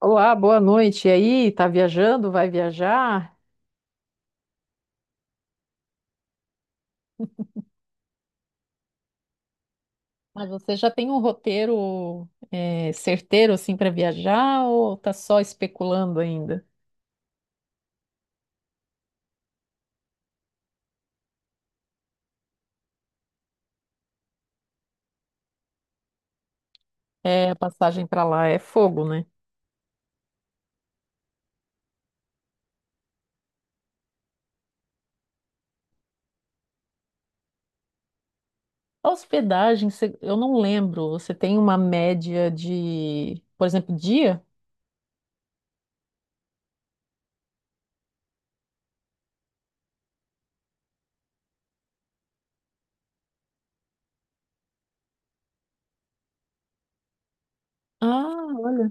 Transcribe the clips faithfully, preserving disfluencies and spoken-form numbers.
Olá, boa noite. E aí, tá viajando? Vai viajar? Mas você já tem um roteiro eh, certeiro assim para viajar ou tá só especulando ainda? É, a passagem para lá é fogo, né? A hospedagem, você- eu não lembro. Você tem uma média de, por exemplo, dia? Ah, olha,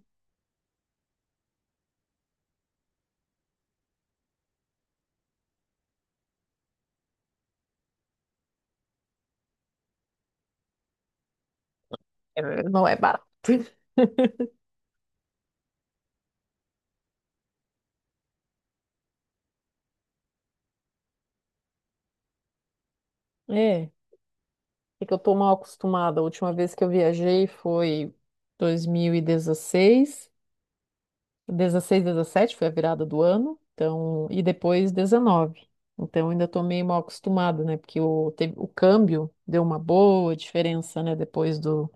é, não é barato. É, é que eu tô mal acostumada. A última vez que eu viajei foi dois mil e dezesseis. dezesseis, dezessete foi a virada do ano, então, e depois dezenove. Então ainda estou meio mal acostumada, né? Porque o, teve, o câmbio deu uma boa diferença, né? Depois do,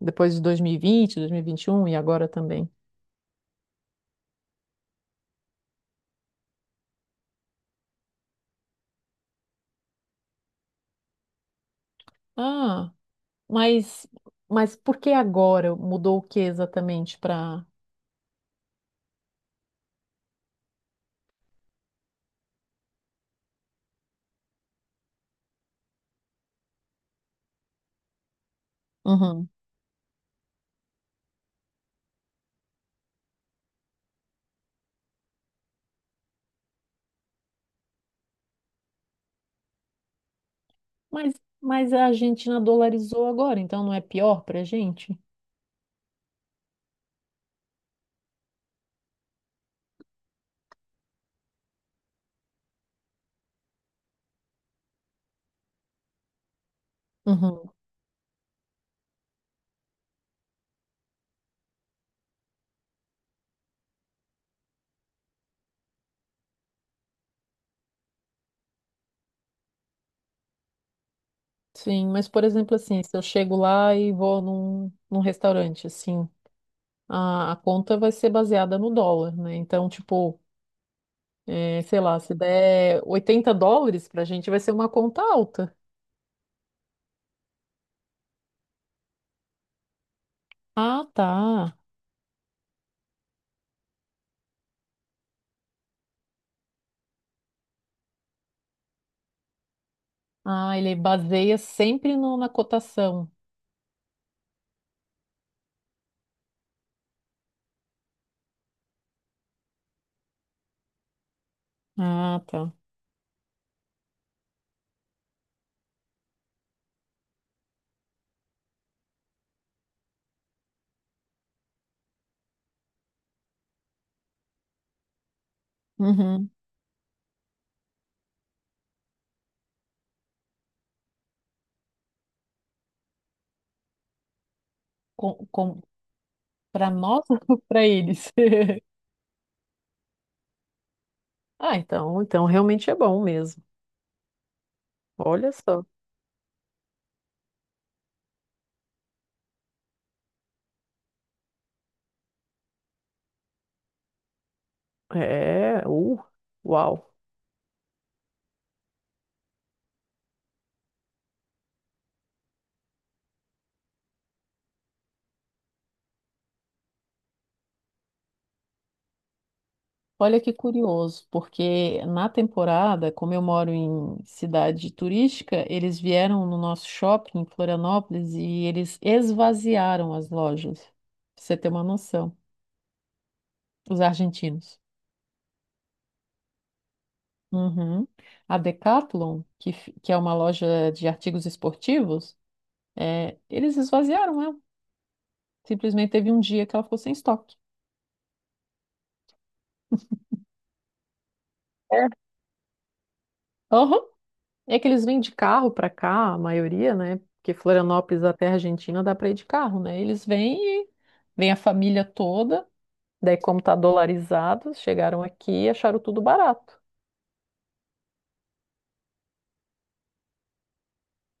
depois de dois mil e vinte, dois mil e vinte e um e vinte, dois mil e vinte e um e agora também. Ah, mas, mas por que agora mudou o que exatamente para. Uhum. Mas, mas a Argentina dolarizou agora, então não é pior para a gente? Uhum. Sim, mas por exemplo, assim, se eu chego lá e vou num, num restaurante, assim. a, a conta vai ser baseada no dólar, né? Então, tipo, é, sei lá, se der oitenta dólares pra gente, vai ser uma conta alta. Ah, tá. Ah, ele baseia sempre no- na cotação. Ah, tá. Uhum. Com, com, Para nós ou para eles? Ah, então, então realmente é bom mesmo. Olha só. É, uh, uau. Olha que curioso, porque na temporada, como eu moro em cidade turística, eles vieram no nosso shopping em Florianópolis e eles esvaziaram as lojas, pra você ter uma noção, os argentinos. Uhum. A Decathlon, que, fi- que é uma loja de artigos esportivos, é, eles esvaziaram ela. Simplesmente teve um dia que ela ficou sem estoque. É. Aham. É que eles vêm de carro para cá, a maioria, né? Porque Florianópolis até a Argentina dá para ir de carro, né? Eles vêm e vem a família toda. Daí, como tá dolarizado, chegaram aqui e acharam tudo barato.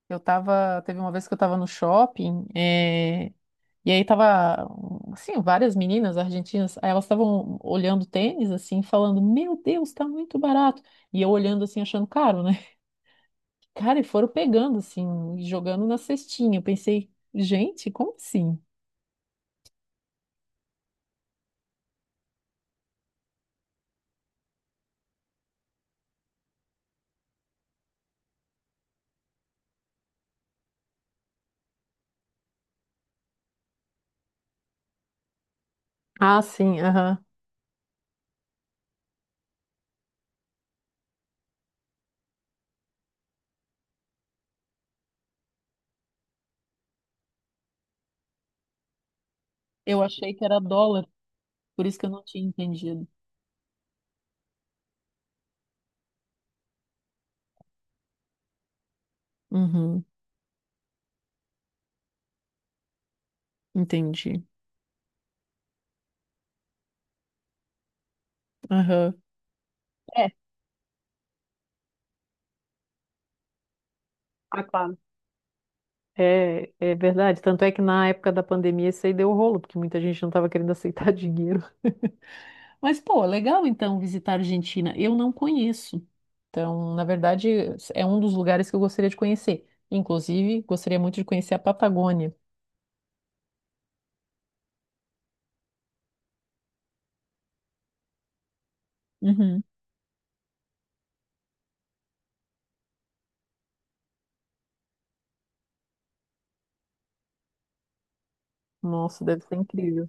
Eu tava, teve uma vez que eu tava no shopping, eh, e aí tava, assim, várias meninas argentinas, aí elas estavam olhando tênis, assim, falando, meu Deus, tá muito barato. E eu olhando, assim, achando caro, né? Cara, e foram pegando, assim, e jogando na cestinha. Eu pensei, gente, como assim? Ah, sim, aham. Eu achei que era dólar, por isso que eu não tinha entendido. Uhum, entendi. Aham. É, ah, claro. É, é verdade. Tanto é que na época da pandemia isso aí deu rolo, porque muita gente não estava querendo aceitar dinheiro. Mas, pô, legal então visitar a Argentina. Eu não conheço. Então, na verdade, é um dos lugares que eu gostaria de conhecer. Inclusive, gostaria muito de conhecer a Patagônia. Uhum. Nossa, deve ser incrível.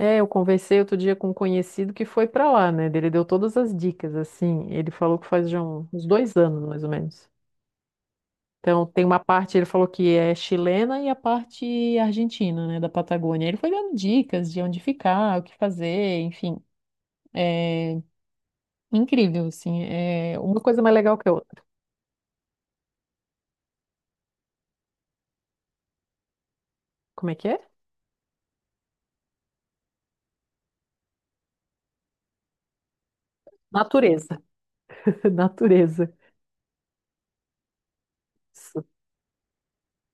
É, eu conversei outro dia com um conhecido que foi para lá, né? Ele deu todas as dicas, assim. Ele falou que faz já um- uns dois anos, mais ou menos. Então, tem uma parte, ele falou que é chilena e a parte argentina, né, da Patagônia. Ele foi dando dicas de onde ficar, o que fazer, enfim. É incrível, assim. É uma coisa mais legal que a outra. Como é que é? Natureza. Natureza.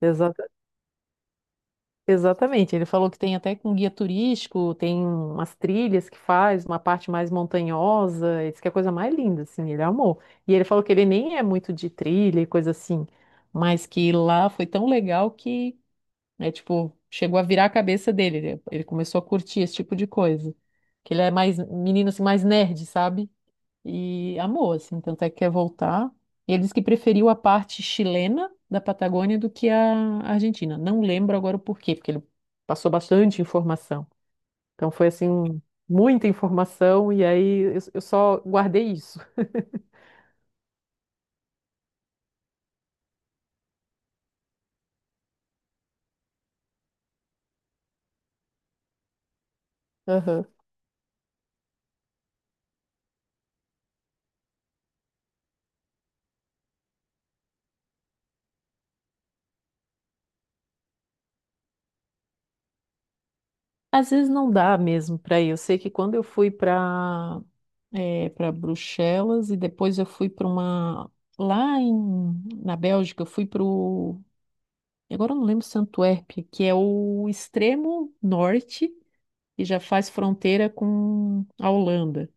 Isso. Exatamente, ele falou que tem até com guia turístico, tem umas trilhas que faz, uma parte mais montanhosa, ele disse que é a coisa mais linda, assim, ele amou. E ele falou que ele nem é muito de trilha e coisa assim, mas que lá foi tão legal que, é tipo, chegou a virar a cabeça dele, ele, ele começou a curtir esse tipo de coisa. Que ele é mais, menino assim, mais nerd, sabe? E amou, assim, tanto é que quer voltar. E ele disse que preferiu a parte chilena da Patagônia do que a Argentina. Não lembro agora o porquê, porque ele passou bastante informação. Então foi assim, muita informação, e aí eu, eu só guardei isso. Aham. Às vezes não dá mesmo para ir. Eu sei que quando eu fui para para Bruxelas e depois eu fui para uma. Lá em, na Bélgica, eu fui para o e agora eu não lembro se é Antuérpia, que é o extremo norte e já faz fronteira com a Holanda.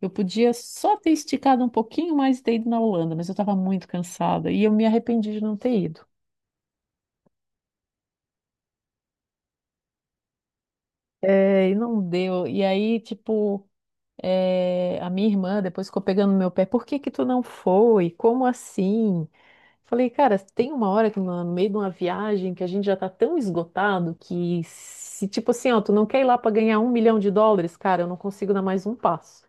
Eu podia só ter esticado um pouquinho mais e ter ido na Holanda, mas eu estava muito cansada e eu me arrependi de não ter ido. É, e não deu. E aí, tipo, é, a minha irmã depois ficou pegando no meu pé. Por que que tu não foi? Como assim? Falei, cara, tem uma hora que no no meio de uma viagem que a gente já tá tão esgotado que se tipo assim, ó, tu não quer ir lá pra ganhar um milhão de dólares, cara, eu não consigo dar mais um passo.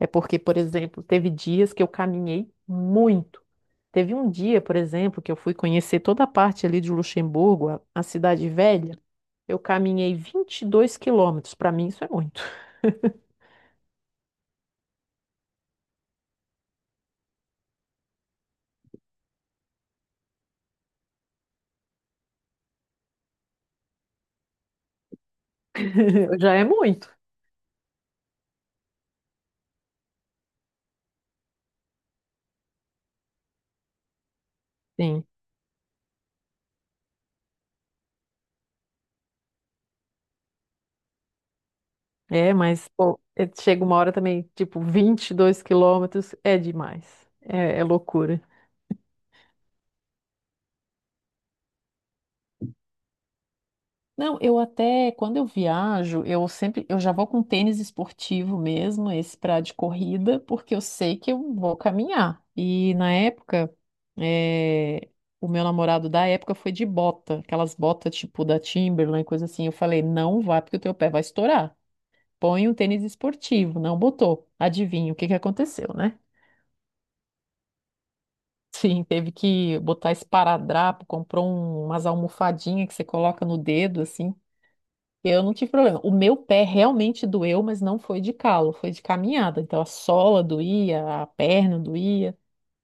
É porque, por exemplo, teve dias que eu caminhei muito. Teve um dia, por exemplo, que eu fui conhecer toda a parte ali de Luxemburgo, a, a cidade velha. Eu caminhei vinte e dois quilômetros. Para mim, isso é muito. Já é muito. Sim. É, mas, pô, é- chega uma hora também, tipo, vinte e dois quilômetros é demais. É, é loucura. Não, eu até, quando eu viajo, eu sempre, eu já vou com tênis esportivo mesmo, esse pra de corrida, porque eu sei que eu vou caminhar. E na época, eh, o meu namorado da época foi de bota, aquelas botas tipo da Timberland, coisa assim. Eu falei, não vá, porque o teu pé vai estourar. Põe um tênis esportivo. Não botou. Adivinha o que que aconteceu, né? Sim, teve que botar esparadrapo, comprou um- umas almofadinhas que você coloca no dedo, assim. Eu não tive problema. O meu pé realmente doeu, mas não foi de calo, foi de caminhada. Então a sola doía, a perna doía,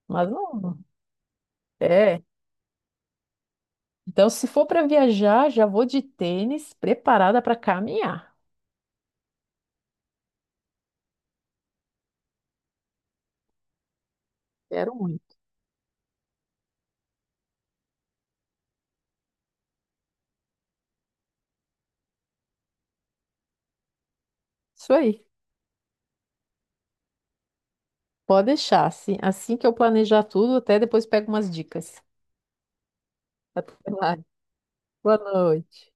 mas não. É. Então, se for para viajar, já vou de tênis preparada para caminhar. Quero muito. Isso aí. Pode deixar, assim, assim que eu planejar tudo, até depois pego umas dicas. Até lá. Boa noite.